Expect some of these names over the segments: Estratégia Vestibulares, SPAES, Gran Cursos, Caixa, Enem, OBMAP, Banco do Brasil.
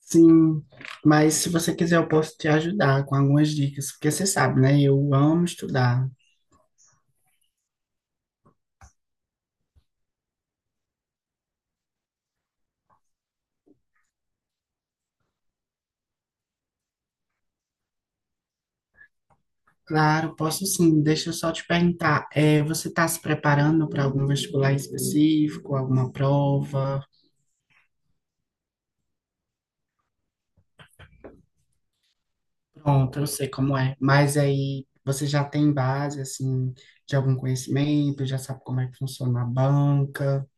Sim, mas se você quiser, eu posso te ajudar com algumas dicas, porque você sabe, né? Eu amo estudar. Claro, posso sim. Deixa eu só te perguntar, você está se preparando para algum vestibular específico, alguma prova? Pronto, eu sei como é. Mas aí você já tem base, assim, de algum conhecimento, já sabe como é que funciona a banca.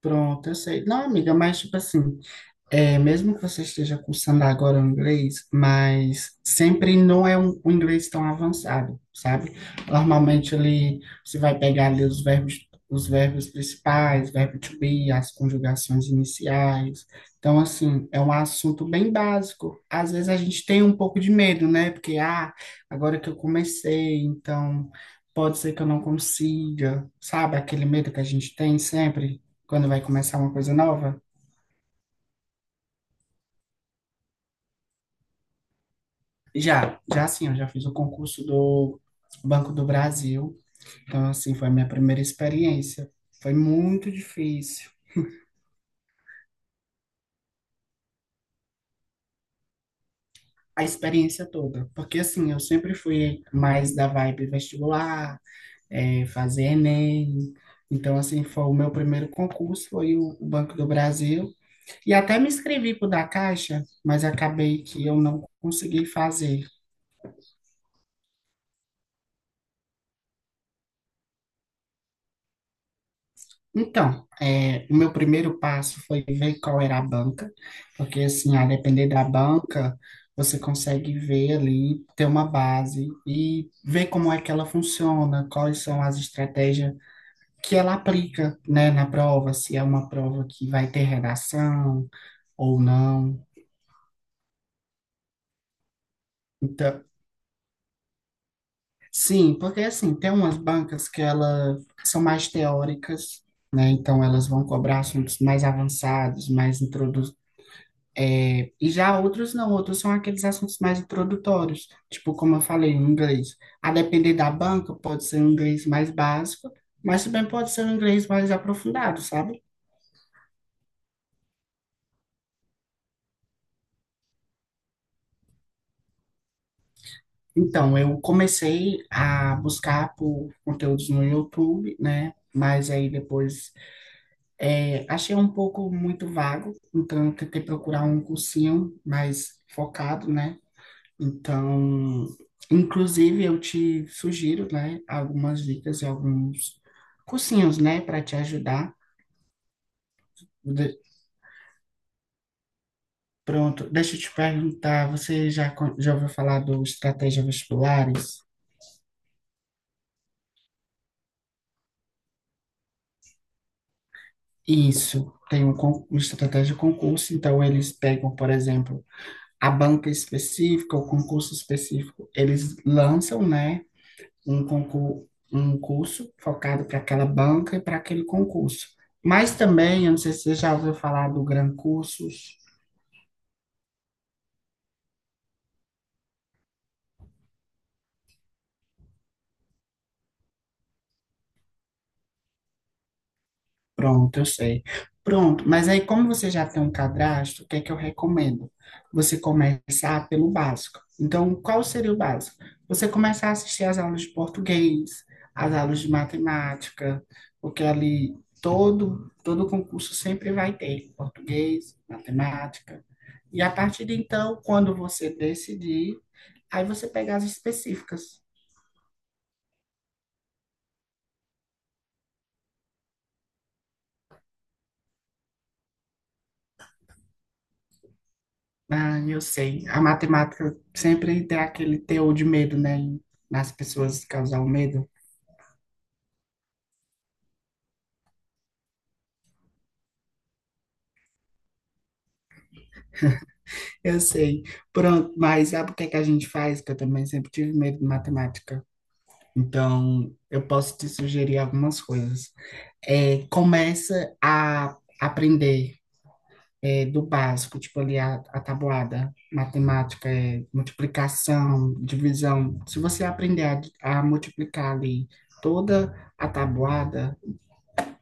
Pronto, eu sei. Não, amiga, mas tipo assim. Mesmo que você esteja cursando agora o inglês, mas sempre não é um inglês tão avançado, sabe? Normalmente ali você vai pegar ali os verbos principais, verbo to be, as conjugações iniciais. Então, assim, é um assunto bem básico. Às vezes a gente tem um pouco de medo, né? Porque, agora que eu comecei, então pode ser que eu não consiga, sabe? Aquele medo que a gente tem sempre quando vai começar uma coisa nova. Já sim, eu já fiz o concurso do Banco do Brasil. Então, assim, foi a minha primeira experiência. Foi muito difícil, a experiência toda. Porque, assim, eu sempre fui mais da vibe vestibular, fazer Enem. Então, assim, foi o meu primeiro concurso, foi o Banco do Brasil. E até me inscrevi para o da Caixa, mas acabei que eu não consegui fazer. Então, o meu primeiro passo foi ver qual era a banca, porque assim, a depender da banca, você consegue ver ali, ter uma base e ver como é que ela funciona, quais são as estratégias que ela aplica, né, na prova, se é uma prova que vai ter redação ou não. Então, sim, porque assim, tem umas bancas que elas são mais teóricas, né? Então elas vão cobrar assuntos mais avançados, mais introdu E já outros não, outros são aqueles assuntos mais introdutórios, tipo, como eu falei, o inglês. A depender da banca, pode ser um inglês mais básico, mas também pode ser um inglês mais aprofundado, sabe? Então, eu comecei a buscar por conteúdos no YouTube, né? Mas aí depois achei um pouco muito vago, então eu tentei procurar um cursinho mais focado, né? Então, inclusive, eu te sugiro, né, algumas dicas e alguns cursinhos, né, para te ajudar. De- pronto, deixa eu te perguntar, você já ouviu falar do Estratégia Vestibulares? Isso, tem uma estratégia de concurso, então eles pegam, por exemplo, a banca específica, o concurso específico, eles lançam, né, um concurso, um curso focado para aquela banca e para aquele concurso. Mas também, eu não sei se você já ouviu falar do Gran Cursos. Pronto, eu sei. Pronto, mas aí como você já tem um cadastro, o que é que eu recomendo? Você começar pelo básico. Então, qual seria o básico? Você começar a assistir às aulas de português, às aulas de matemática, porque ali todo concurso sempre vai ter português, matemática. E a partir de então, quando você decidir, aí você pega as específicas. Ah, eu sei. A matemática sempre tem aquele teor de medo, né? Nas pessoas causar o medo. Eu sei. Pronto, mas sabe o que é que a gente faz? Que eu também sempre tive medo de matemática. Então, eu posso te sugerir algumas coisas. Começa a aprender do básico, tipo ali a tabuada, matemática, multiplicação, divisão. Se você aprender a multiplicar ali toda a tabuada,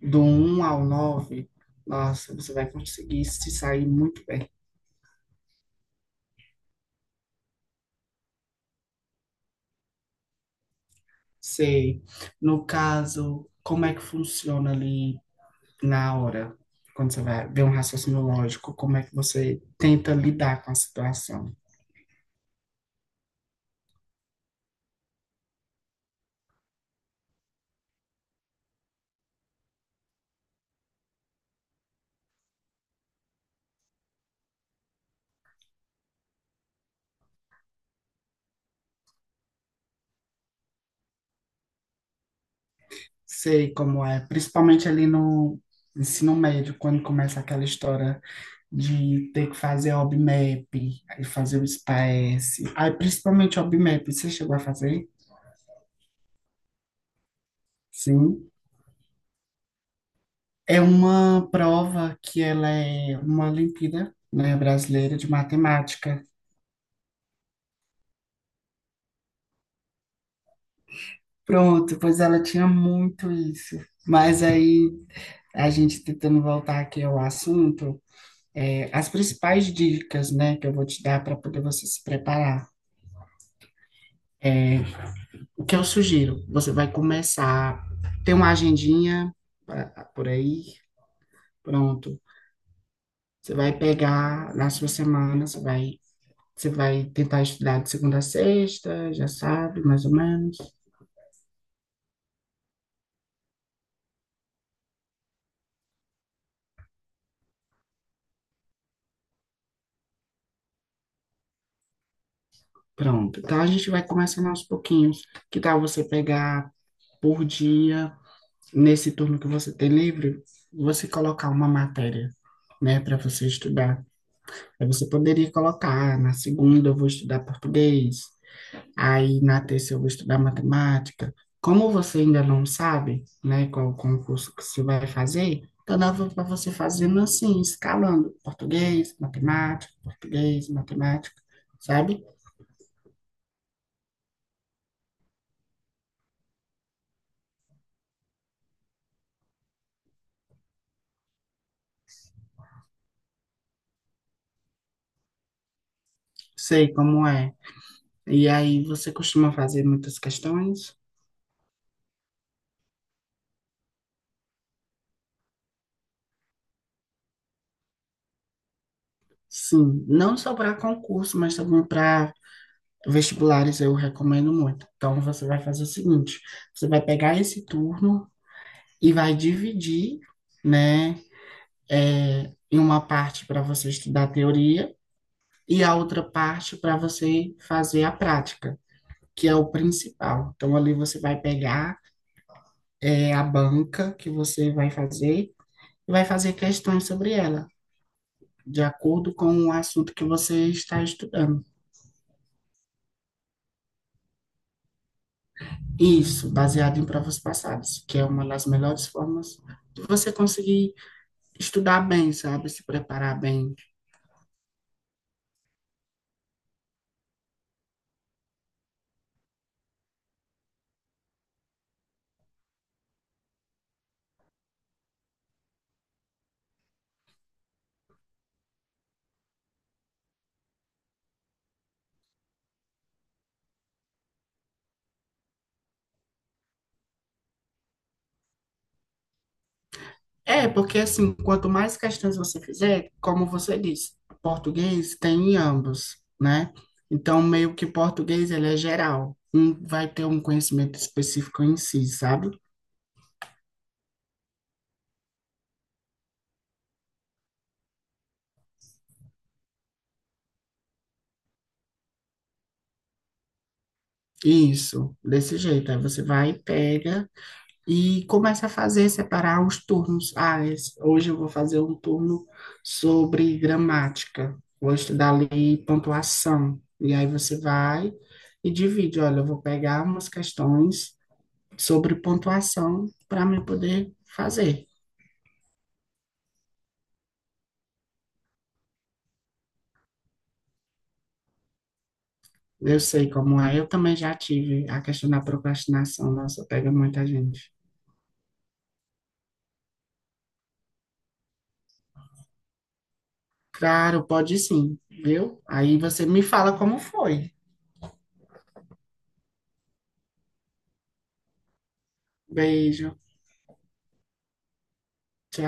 do um ao 9, nossa, você vai conseguir se sair muito bem. Sei. No caso, como é que funciona ali na hora, quando você vai ver um raciocínio lógico, como é que você tenta lidar com a situação? Sei como é, principalmente ali no ensino médio, quando começa aquela história de ter que fazer OBMAP, aí fazer o SPAES, aí principalmente OBMAP, você chegou a fazer? Sim. É uma prova que ela é uma Olimpíada, né, brasileira de matemática. Pronto, pois ela tinha muito isso. Mas aí, a gente tentando voltar aqui ao assunto, as principais dicas, né, que eu vou te dar para poder você se preparar. É, o que eu sugiro? Você vai começar, tem uma agendinha por aí, pronto. Você vai pegar na sua semana, você vai tentar estudar de segunda a sexta, já sabe, mais ou menos. Pronto. Então a gente vai começando aos pouquinhos. Que tal você pegar por dia, nesse turno que você tem livre, você colocar uma matéria, né, para você estudar? Aí você poderia colocar, na segunda eu vou estudar português, aí na terça eu vou estudar matemática. Como você ainda não sabe, né, qual concurso que você vai fazer, então dá para você fazendo assim, escalando português, matemática, sabe? Sei como é. E aí você costuma fazer muitas questões? Sim, não só para concurso, mas também para vestibulares eu recomendo muito. Então você vai fazer o seguinte, você vai pegar esse turno e vai dividir, né, em uma parte para você estudar a teoria e a outra parte para você fazer a prática, que é o principal. Então, ali você vai pegar a banca que você vai fazer e vai fazer questões sobre ela, de acordo com o assunto que você está estudando. Isso, baseado em provas passadas, que é uma das melhores formas de você conseguir estudar bem, sabe? Se preparar bem. Porque assim, quanto mais questões você fizer, como você disse, português tem em ambos, né? Então, meio que português, ele é geral. Um vai ter um conhecimento específico em si, sabe? Isso, desse jeito. Aí você vai, pega e começa a fazer, separar os turnos. Ah, hoje eu vou fazer um turno sobre gramática. Vou estudar ali pontuação. E aí você vai e divide. Olha, eu vou pegar umas questões sobre pontuação para me poder fazer. Eu sei como é, eu também já tive a questão da procrastinação, nossa, pega muita gente. Claro, pode sim, viu? Aí você me fala como foi. Beijo, tchau.